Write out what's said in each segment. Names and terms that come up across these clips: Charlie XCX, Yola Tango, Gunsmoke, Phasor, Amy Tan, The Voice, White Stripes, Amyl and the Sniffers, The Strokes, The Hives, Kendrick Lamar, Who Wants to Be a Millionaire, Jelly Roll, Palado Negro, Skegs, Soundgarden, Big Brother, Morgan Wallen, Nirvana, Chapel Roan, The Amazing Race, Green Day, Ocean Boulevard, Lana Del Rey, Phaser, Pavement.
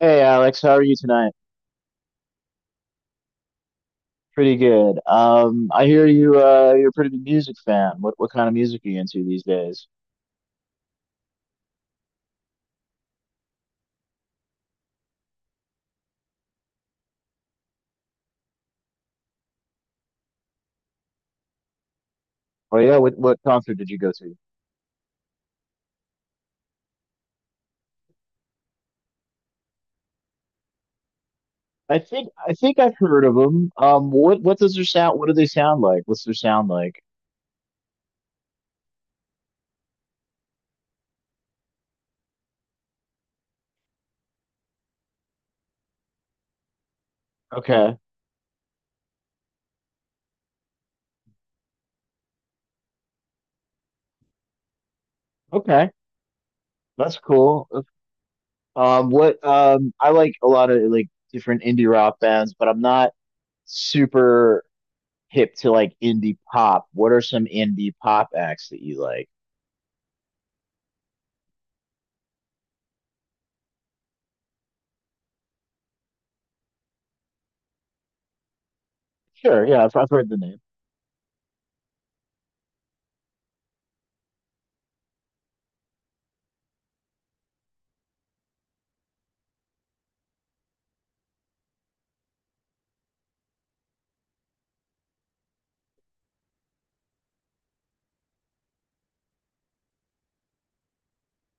Hey Alex, how are you tonight? Pretty good. I hear you. You're a pretty big music fan. What kind of music are you into these days? Oh yeah, what concert did you go to? I think I've heard of them. What does their sound? What do they sound like? What's their sound like? Okay, okay, that's cool. What I like a lot of like different indie rock bands, but I'm not super hip to like indie pop. What are some indie pop acts that you like? Sure, yeah, I've heard the name.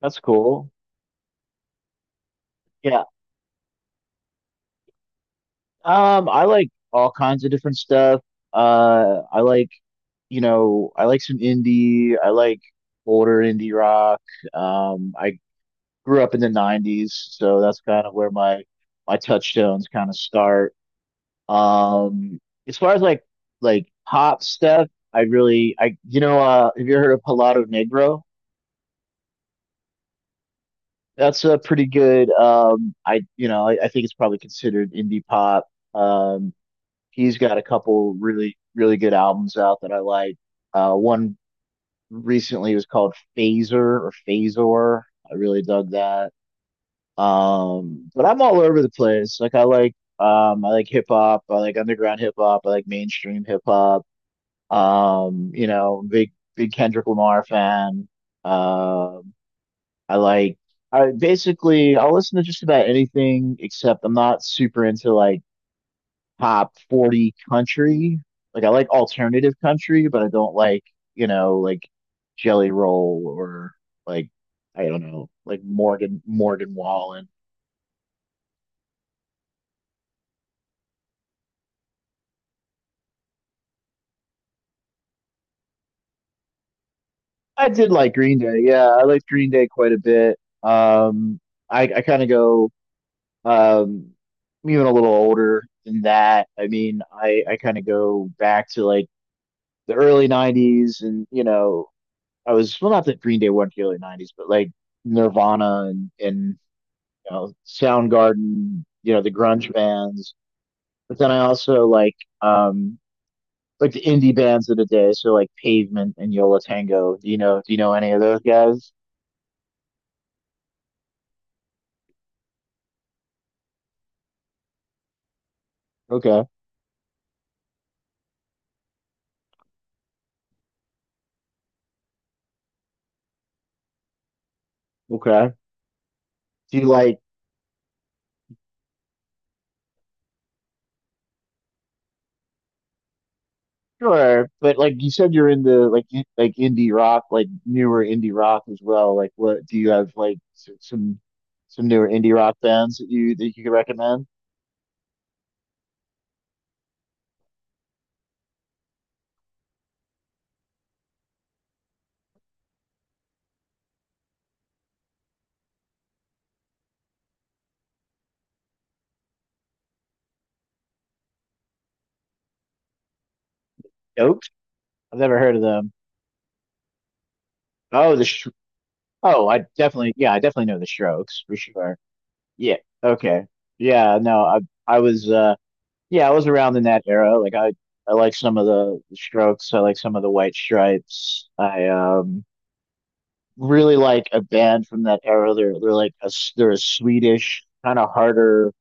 That's cool. Yeah. I like all kinds of different stuff. I like, you know, I like some indie. I like older indie rock. I grew up in the 90s, so that's kind of where my touchstones kind of start. Um, as far as like pop stuff, I you know, have you heard of Palado Negro? That's a pretty good I you know, I think it's probably considered indie pop. Um, he's got a couple really good albums out that I like. One recently was called Phaser or Phasor. I really dug that. But I'm all over the place. I like hip hop. I like underground hip hop. I like mainstream hip hop. You know, big Kendrick Lamar fan. Um, I like. I basically I'll listen to just about anything except I'm not super into like top 40 country. Like I like alternative country, but I don't like, you know, like Jelly Roll or like I don't know, like Morgan Wallen. I did like Green Day. Yeah, I liked Green Day quite a bit. I kind of go um even a little older than that. I mean, I kind of go back to like the early 90s and, you know, I was well not that Green Day weren't the early 90s, but like Nirvana and you know, Soundgarden, you know, the grunge bands. But then I also um like the indie bands of the day, so like Pavement and Yola Tango. Do you know any of those guys? Okay. Okay. Do you like sure, but like you said you're into like like indie rock, like newer indie rock as well. Like what do you have like some newer indie rock bands that you could recommend? Nope. I've never heard of them. Oh, the Sh- oh, I definitely yeah, I definitely know the Strokes for sure. Yeah. Okay. Yeah. No, I was yeah, I was around in that era. I like some of the Strokes. I like some of the White Stripes. I really like a band from that era. They're like a they're a Swedish kind of harder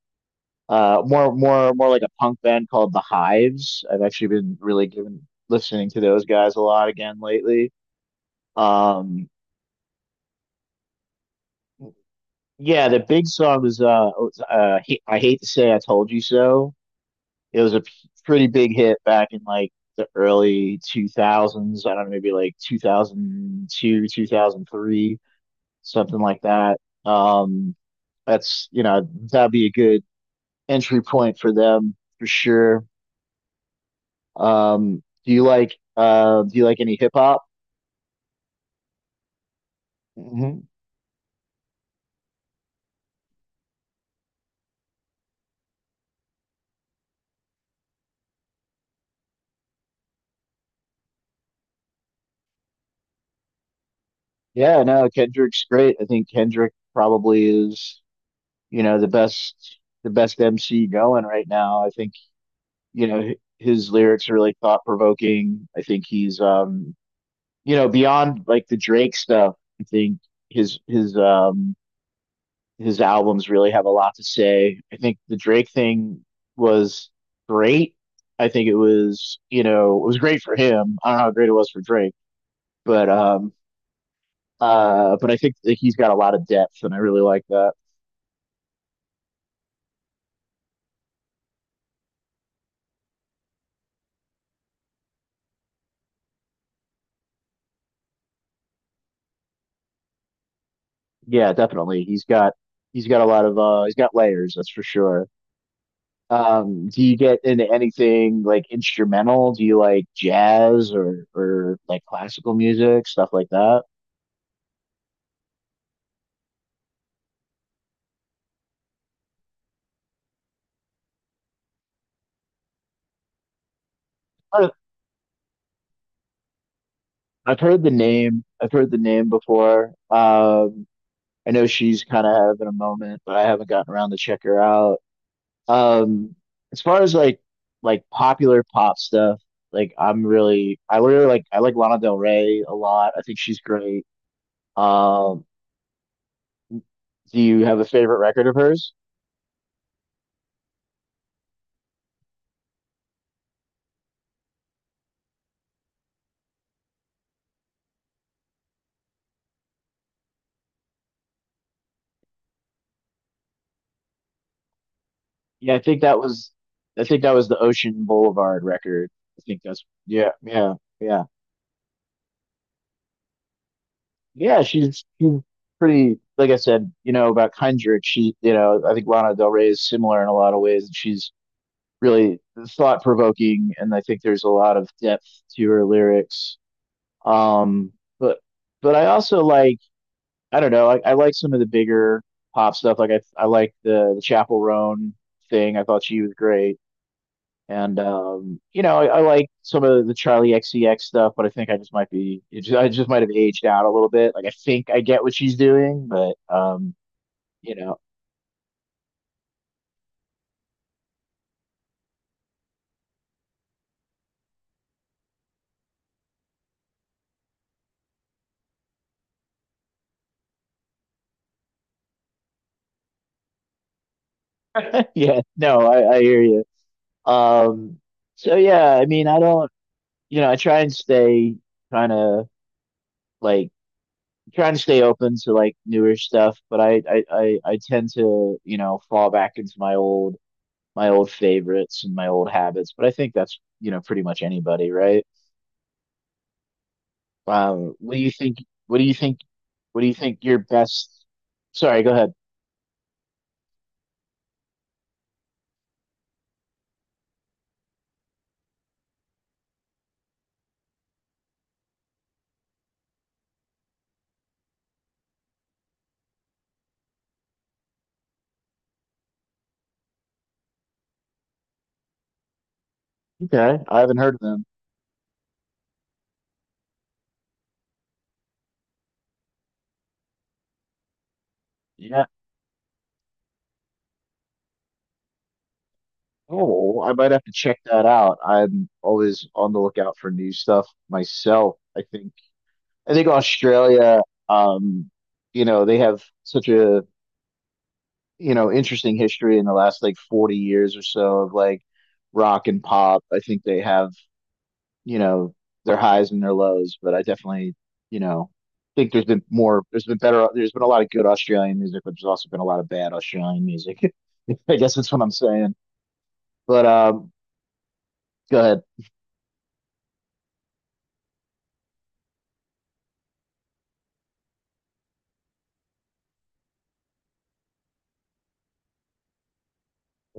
more like a punk band called The Hives. I've actually been really given listening to those guys a lot again lately. Um yeah, the big song was I hate to say I told you so. It was a pretty big hit back in like the early 2000s. I don't know, maybe like 2002, 2003, something like that. Um, that's, you know, that'd be a good entry point for them for sure. Do you like any hip hop? Hmm Yeah, no, Kendrick's great. I think Kendrick probably is, you know, the best MC going right now. I think you know his lyrics are really thought provoking. I think he's you know beyond like the Drake stuff. I think his his um his albums really have a lot to say. I think the Drake thing was great. I think it was you know it was great for him. I don't know how great it was for Drake, but um but I think that he's got a lot of depth, and I really like that. Yeah, definitely. He's got a lot of he's got layers, that's for sure. Do you get into anything like instrumental? Do you like jazz or like classical music, stuff like that? I- I've heard the name. I've heard the name before. I know she's kind of having a moment, but I haven't gotten around to check her out. Um, as far as like popular pop stuff, like I really like I like Lana Del Rey a lot. I think she's great. Um, do you have a favorite record of hers? Yeah, I think that was the Ocean Boulevard record. I think that's yeah. Yeah, she's pretty like I said, you know, about Kindred, she you know, I think Lana Del Rey is similar in a lot of ways and she's really thought provoking and I think there's a lot of depth to her lyrics. Um but but I also like I don't know, I like some of the bigger pop stuff. Like I like the Chapel Roan thing. I thought she was great. And you know, I like some of the Charlie XCX stuff, but I think I just might be, it just, I just might have aged out a little bit. Like I think I get what she's doing, but you know, yeah, no, I hear you. Um, so yeah, I mean, I don't, you know, I try and stay kind of like trying to stay open to like newer stuff, but I tend to, you know, fall back into my old favorites and my old habits. But I think that's, you know, pretty much anybody, right? What do you think? What do you think? What do you think your best? Sorry, go ahead. Okay, I haven't heard of them. Yeah. Oh, I might have to check that out. I'm always on the lookout for new stuff myself. I think Australia, um, you know, they have such a, you know, interesting history in the last like 40 years or so of like rock and pop. I think they have you know, their highs and their lows, but I definitely, you know, think there's been better, there's been a lot of good Australian music, but there's also been a lot of bad Australian music. I guess that's what I'm saying. But go ahead.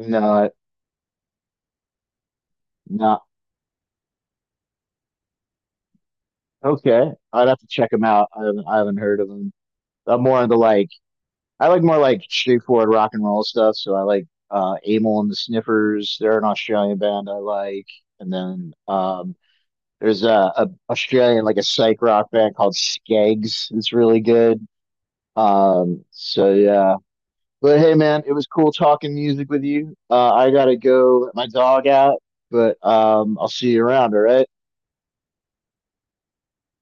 No, I- no. Okay, I'd have to check them out. I haven't heard of them. I'm more into like, I like more like straightforward rock and roll stuff. So I like Amyl and the Sniffers. They're an Australian band I like. And then there's a Australian like a psych rock band called Skegs. It's really good. So yeah. But hey man, it was cool talking music with you. I gotta go let my dog out, but I'll see you around, all right?